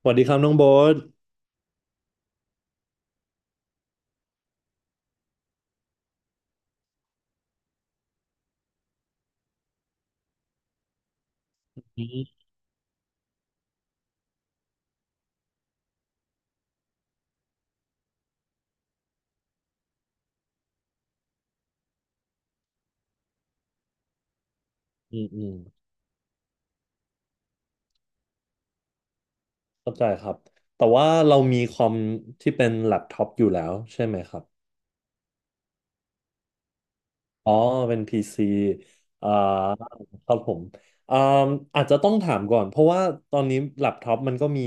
สวัสดีครับน้องโบ๊ทอืมอืมอืมเข้าใจครับ แต่ว่าเรามีคอมที่เป็นแล็ปท็อปอยู่แล้วใช่ไหมครับ อ๋อเป็น PC อ่าครับผมอ่าอาจจะต้องถามก่อนเพราะว่าตอนนี้แล็ปท็อปมันก็มี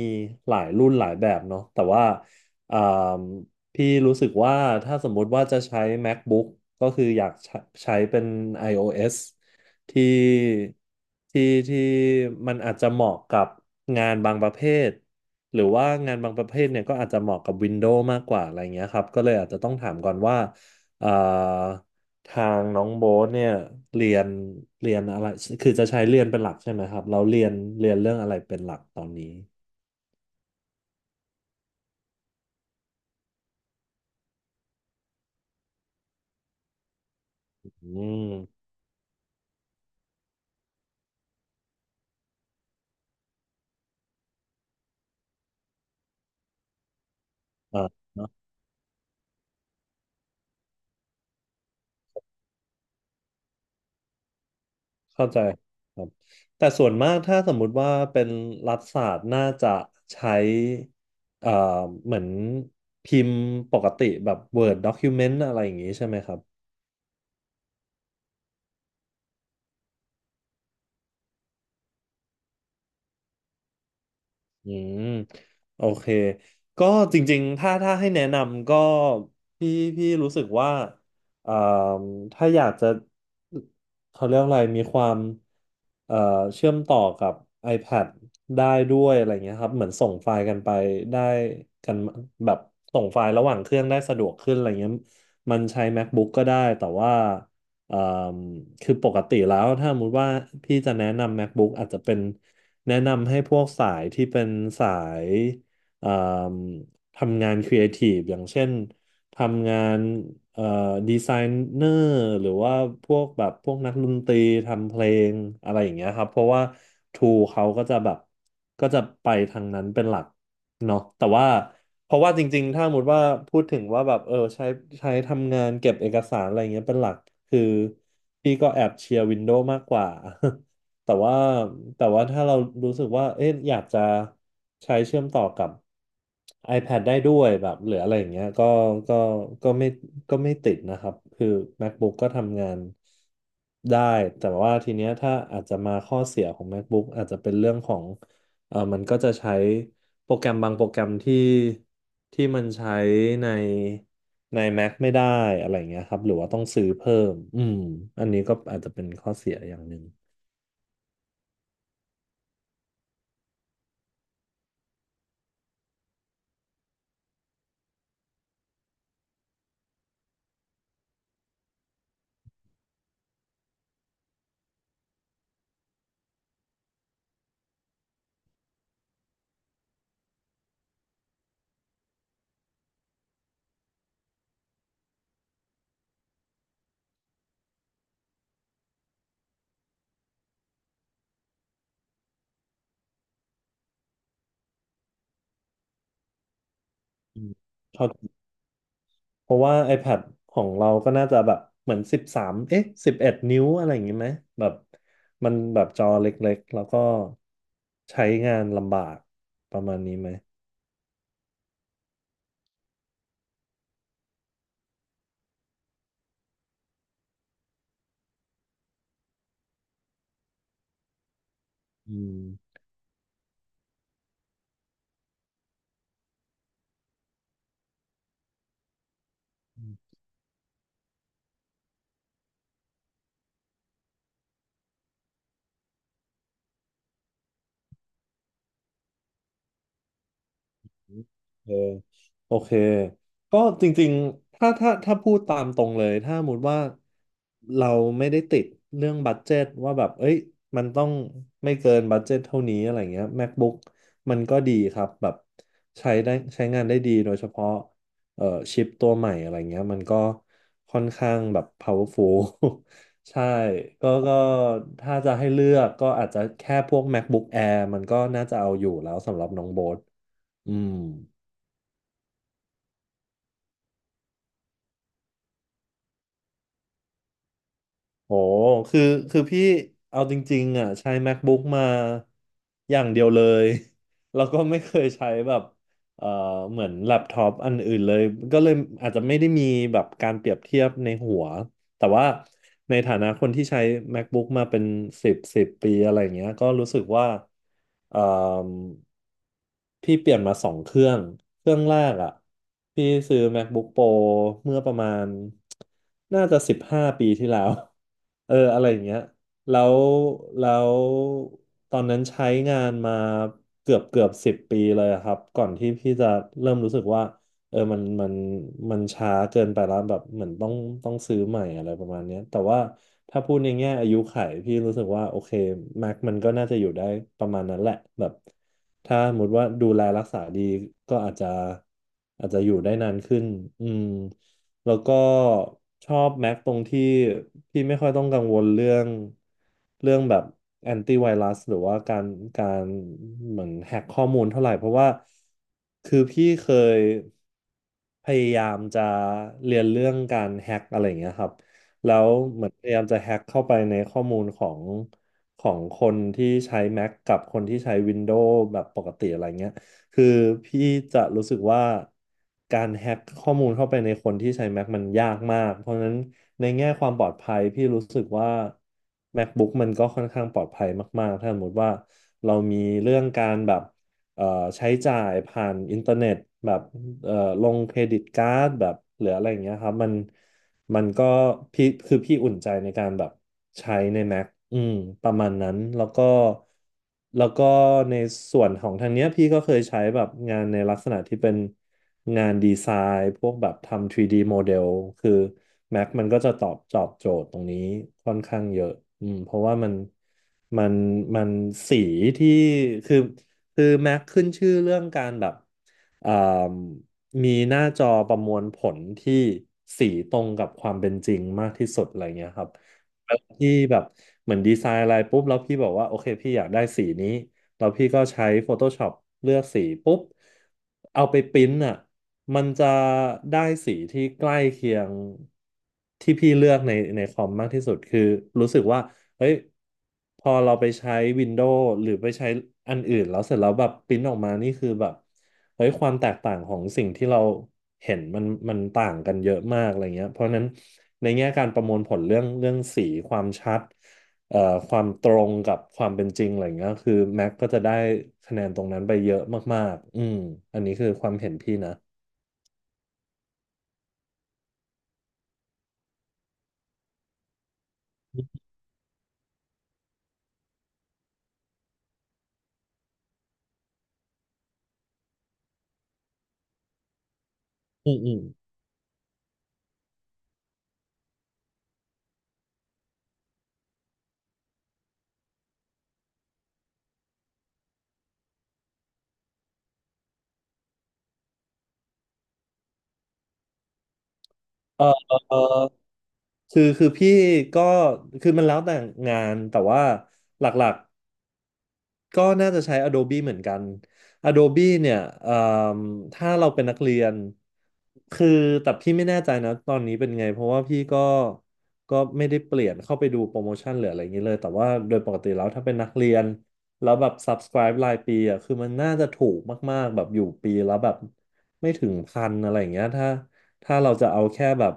หลายรุ่นหลายแบบเนาะแต่ว่าอ่าพี่รู้สึกว่าถ้าสมมุติว่าจะใช้ MacBook ก็คืออยากใช้ใช้เป็น iOS ที่ที่ที่มันอาจจะเหมาะกับงานบางประเภทหรือว่างานบางประเภทเนี่ยก็อาจจะเหมาะกับ Windows มากกว่าอะไรเงี้ยครับก็เลยอาจจะต้องถามก่อนว่าเอ่อ ทางน้องโบ๊ทเนี่ยเรียนเรียนอะไรคือจะใช้เรียนเป็นหลักใช่ไหมครับเราเรียนเรื่องอะไรเป็นหลักตอนนี้อืมอ่าเนอะเข้าใจครับแต่ส่วนมากถ้าสมมุติว่าเป็นรัฐศาสตร์น่าจะใช้เอ่อเหมือนพิมพ์ปกติแบบ Word Document อะไรอย่างนี้ใช่ไหมครับ อืมโอเคก็จริงๆถ้าให้แนะนำก็พี่พี่รู้สึกว่าเอ่อถ้าอยากจะเขาเรียกอะไรมีความเอ่อเชื่อมต่อกับ iPad ได้ด้วยอะไรเงี้ยครับเหมือนส่งไฟล์กันไปได้กันแบบส่งไฟล์ระหว่างเครื่องได้สะดวกขึ้นอะไรเงี้ยมันใช้ MacBook ก็ได้แต่ว่าเอ่อคือปกติแล้วถ้าสมมติว่าพี่จะแนะนำ MacBook อาจจะเป็น แนะนำให้พวกสายที่เป็นสายเอ่มทำงานครีเอทีฟอย่างเช่นทำงานเอ่อดีไซเนอร์หรือว่าพวกแบบพวกนักดนตรีทำเพลงอะไรอย่างเงี้ยครับเพราะว่าทูเขาก็จะแบบก็จะไปทางนั้นเป็นหลักเนาะแต่ว่าเพราะว่าจริงๆถ้าสมมติว่าพูดถึงว่าแบบเออใช้ใช้ทำงานเก็บเอกสารอะไรเงี้ยเป็นหลักคือพี่ก็แอบเชียร์วินโดว์มากกว่า แต่ว่าถ้าเรารู้สึกว่าเอ๊ะอยากจะใช้เชื่อมต่อกับ iPad ได้ด้วยแบบหรืออะไรอย่างเงี้ยก็ก็ไม่ไม่ติดนะครับคือ MacBook ก็ทำงานได้แต่ว่าทีเนี้ยถ้าอาจจะมาข้อเสียของ MacBook อาจจะเป็นเรื่องของเออมันก็จะใช้โปรแกรมบางโปรแกรมที่มันใช้ในใน Mac ไม่ได้อะไรอย่างเงี้ยครับหรือว่าต้องซื้อเพิ่มอืมอันนี้ก็อาจจะเป็นข้อเสียอย่างหนึ่ง อืมเท่ากันเพราะว่า iPad ของเราก็น่าจะแบบเหมือน13เอ๊ะ11 นิ้วอะไรอย่างงี้ไหมแบบมันแบบจอเล็กๆแล้วก็ใช้งานลำบากประมาณนี้ไหมอืม เออโอเคก็จริงๆถ้าพูดตามตรงเลยถ้าสมมติว่าเราไม่ได้ติดเรื่องบัดเจ็ตว่าแบบเอ้ยมันต้องไม่เกินบัดเจ็ตเท่านี้อะไรเงี้ย MacBook มันก็ดีครับแบบใช้ได้ใช้งานได้ดีโดยเฉพาะเอ่อชิปตัวใหม่อะไรเงี้ยมันก็ค่อนข้างแบบ powerful ใช่ก็ถ้าจะให้เลือกก็อาจจะแค่พวก MacBook Air มันก็น่าจะเอาอยู่แล้วสำหรับน้องโบ๊ทอืม โอ้คือคือพี่เอาจริงๆอ่ะใช้ MacBook มาอย่างเดียวเลย แล้วก็ไม่เคยใช้แบบเอ่อเหมือนแล็ปท็อปอันอื่นเลยก็เลยอาจจะไม่ได้มีแบบการเปรียบเทียบในหัว แต่ว่าในฐานะคนที่ใช้ MacBook มาเป็นสิบสิบปีอะไรอย่างเงี้ยก็รู้สึกว่าเอ่มพี่เปลี่ยนมา2 เครื่อง เครื่องแรกอ่ะพี่ซื้อ MacBook Pro เมื่อประมาณน่าจะ15 ปีที่แล้ว เอออะไรอย่างเงี้ยแล้วแล้วตอนนั้นใช้งานมาเกือบ 10 ปีเลยอะครับก่อนที่พี่จะเริ่มรู้สึกว่า เออมันมันช้าเกินไปแล้วแบบเหมือนต้องซื้อใหม่อะไรประมาณเนี้ยแต่ว่าถ้าพูดในแง่อายุขัยพี่รู้สึกว่าโอเค Mac มันก็น่าจะอยู่ได้ประมาณนั้นแหละแบบถ้าสมมติว่าดูแลรักษาดีก็อาจจะอยู่ได้นานขึ้นอืม แล้วก็ชอบแม็กตรงที่พี่ไม่ค่อยต้องกังวลเรื่องแบบแอนตี้ไวรัสหรือว่าการการเหมือนแฮกข้อมูลเท่าไหร่เพราะว่าคือพี่เคยพยายามจะเรียนเรื่องการแฮกอะไรอย่างเงี้ยครับแล้วเหมือนพยายามจะแฮกเข้าไปในข้อมูลของของคนที่ใช้ Mac กับคนที่ใช้ Windows แบบปกติอะไรเงี้ย คือพี่จะรู้สึกว่าการแฮ็กข้อมูลเข้าไปในคนที่ใช้ Mac มันยากมาก เพราะฉะนั้นในแง่ความปลอดภัยพี่รู้สึกว่า MacBook มันก็ค่อนข้างปลอดภัยมากๆถ้าสมมติว่าเรามีเรื่องการแบบเอ่อใช้จ่ายผ่านอินเทอร์เน็ตแบบเอ่อลงเครดิตการ์ดแบบหรืออะไรอย่างเงี้ยครับมันก็พี่คือพี่อุ่นใจในการแบบใช้ใน Mac อืมประมาณนั้นแล้วก็ในส่วนของทางเนี้ยพี่ก็เคยใช้แบบงานในลักษณะที่เป็นงานดีไซน์พวกแบบทำ 3D โมเดลคือ Mac มันก็จะตอบโจทย์ตรงนี้ค่อนข้างเยอะอืมเพราะว่ามันมันสีที่คือคือ Mac ขึ้นชื่อเรื่องการแบบอ่า มีหน้าจอประมวลผลที่สีตรงกับความเป็นจริงมากที่สุดอะไรเงี้ยครับแล้วพี่แบบเหมือนดีไซน์อะไรปุ๊บแล้วพี่บอกว่าโอเคพี่อยากได้สีนี้แล้วพี่ก็ใช้ Photoshop เลือกสีปุ๊บเอาไปปริ้นอ่ะมันจะได้สีที่ใกล้เคียงที่พี่เลือกในคอมมากที่สุดคือรู้สึกว่า เฮ้ยพอเราไปใช้ Windows หรือไปใช้อันอื่นแล้วเสร็จแล้วแบบปริ้นออกมานี่คือแบบเฮ้ยความแตกต่างของสิ่งที่เราเห็นมันต่างกันเยอะมากอะไรเงี้ยเพราะฉะนั้นในแง่การประมวลผลเรื่องสีความชัดเอ่อความตรงกับความเป็นจริงอะไรเงี้ยคือ Mac ก็จะได้คะแนนตรงนั้นไปเยอะมากๆอืมอันนี้คือความเห็นพี่นะอืมอืมเออเออคือพี่ก็คือมันแล้วแต่งานแต่ว่าหลัก ก็น่าจะใช้ Adobe เหมือนกัน Adobe เนี่ยเอ่มถ้าเราเป็นนักเรียน คือแต่พี่ไม่แน่ใจนะตอนนี้เป็นไงเพราะว่าพี่ก็ไม่ได้เปลี่ยนเข้าไปดูโปรโมชั่นหรืออะไรอย่างนี้เลย แต่ว่าโดยปกติแล้วถ้าเป็นนักเรียน แล้วแบบ subscribe รายปีอ่ะคือมันน่าจะถูกมากๆแบบอยู่ปีแล้วแบบไม่ถึงพันอะไรอย่างเงี้ยถ้าเราจะเอาแค่แบบ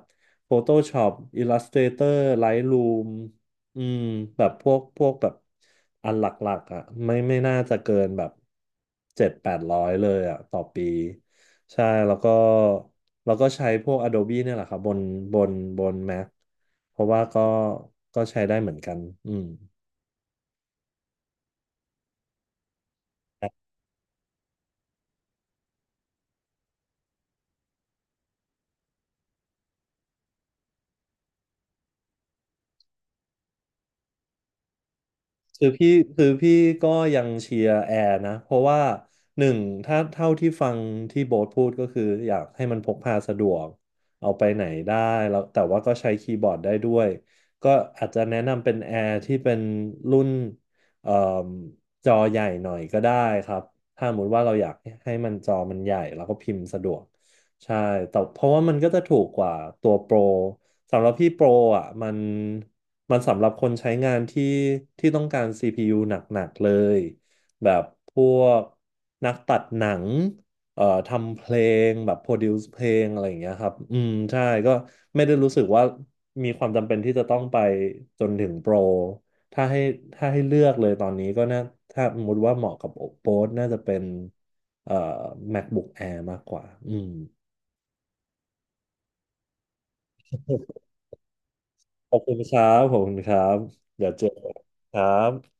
Photoshop Illustrator Lightroom อืมแบบพวกแบบอันหลักๆอ่ะไม่น่าจะเกินแบบเจ็ดแปดร้อยเลยอ่ะต่อปีใช่แล้วก็ใช้พวก Adobe เนี่ยแหละครับบนบน Mac เพราะว่าก็ใช้ได้เหมือนกันอืม คือพี่คือพี่ก็ยังเชียร์แอร์นะเพราะว่าหนึ่งถ้าเท่าที่ฟังที่โบ๊ทพูดก็คืออยากให้มันพกพาสะดวกเอาไปไหนได้แล้วแต่ว่าก็ใช้คีย์บอร์ดได้ด้วยก็อาจจะแนะนำเป็นแอร์ที่เป็นรุ่นเอ่มจอใหญ่หน่อยก็ได้ครับถ้าสมมติว่าเราอยากให้มันจอมันใหญ่แล้วก็พิมพ์สะดวกใช่แต่เพราะว่ามันก็จะถูกกว่าตัวโปร สำหรับพี่โปรอ่ะมันสำหรับคนใช้งานที่ต้องการ CPU หนักๆเลยแบบพวกนักตัดหนังทำเพลงแบบโปรดิวซ์เพลงอะไรอย่างเงี้ยครับอืมใช่ก็ไม่ได้รู้สึกว่ามีความจำเป็นที่จะต้องไปจนถึงโปรถ้าให้ถ้าให้เลือกเลยตอนนี้ก็น่าถ้าสมมติว่าเหมาะกับโปรน่าจะเป็นเอ่อ MacBook Air มากกว่าอืม ขอบคุณครับเดี๋ยวเจอกันครับ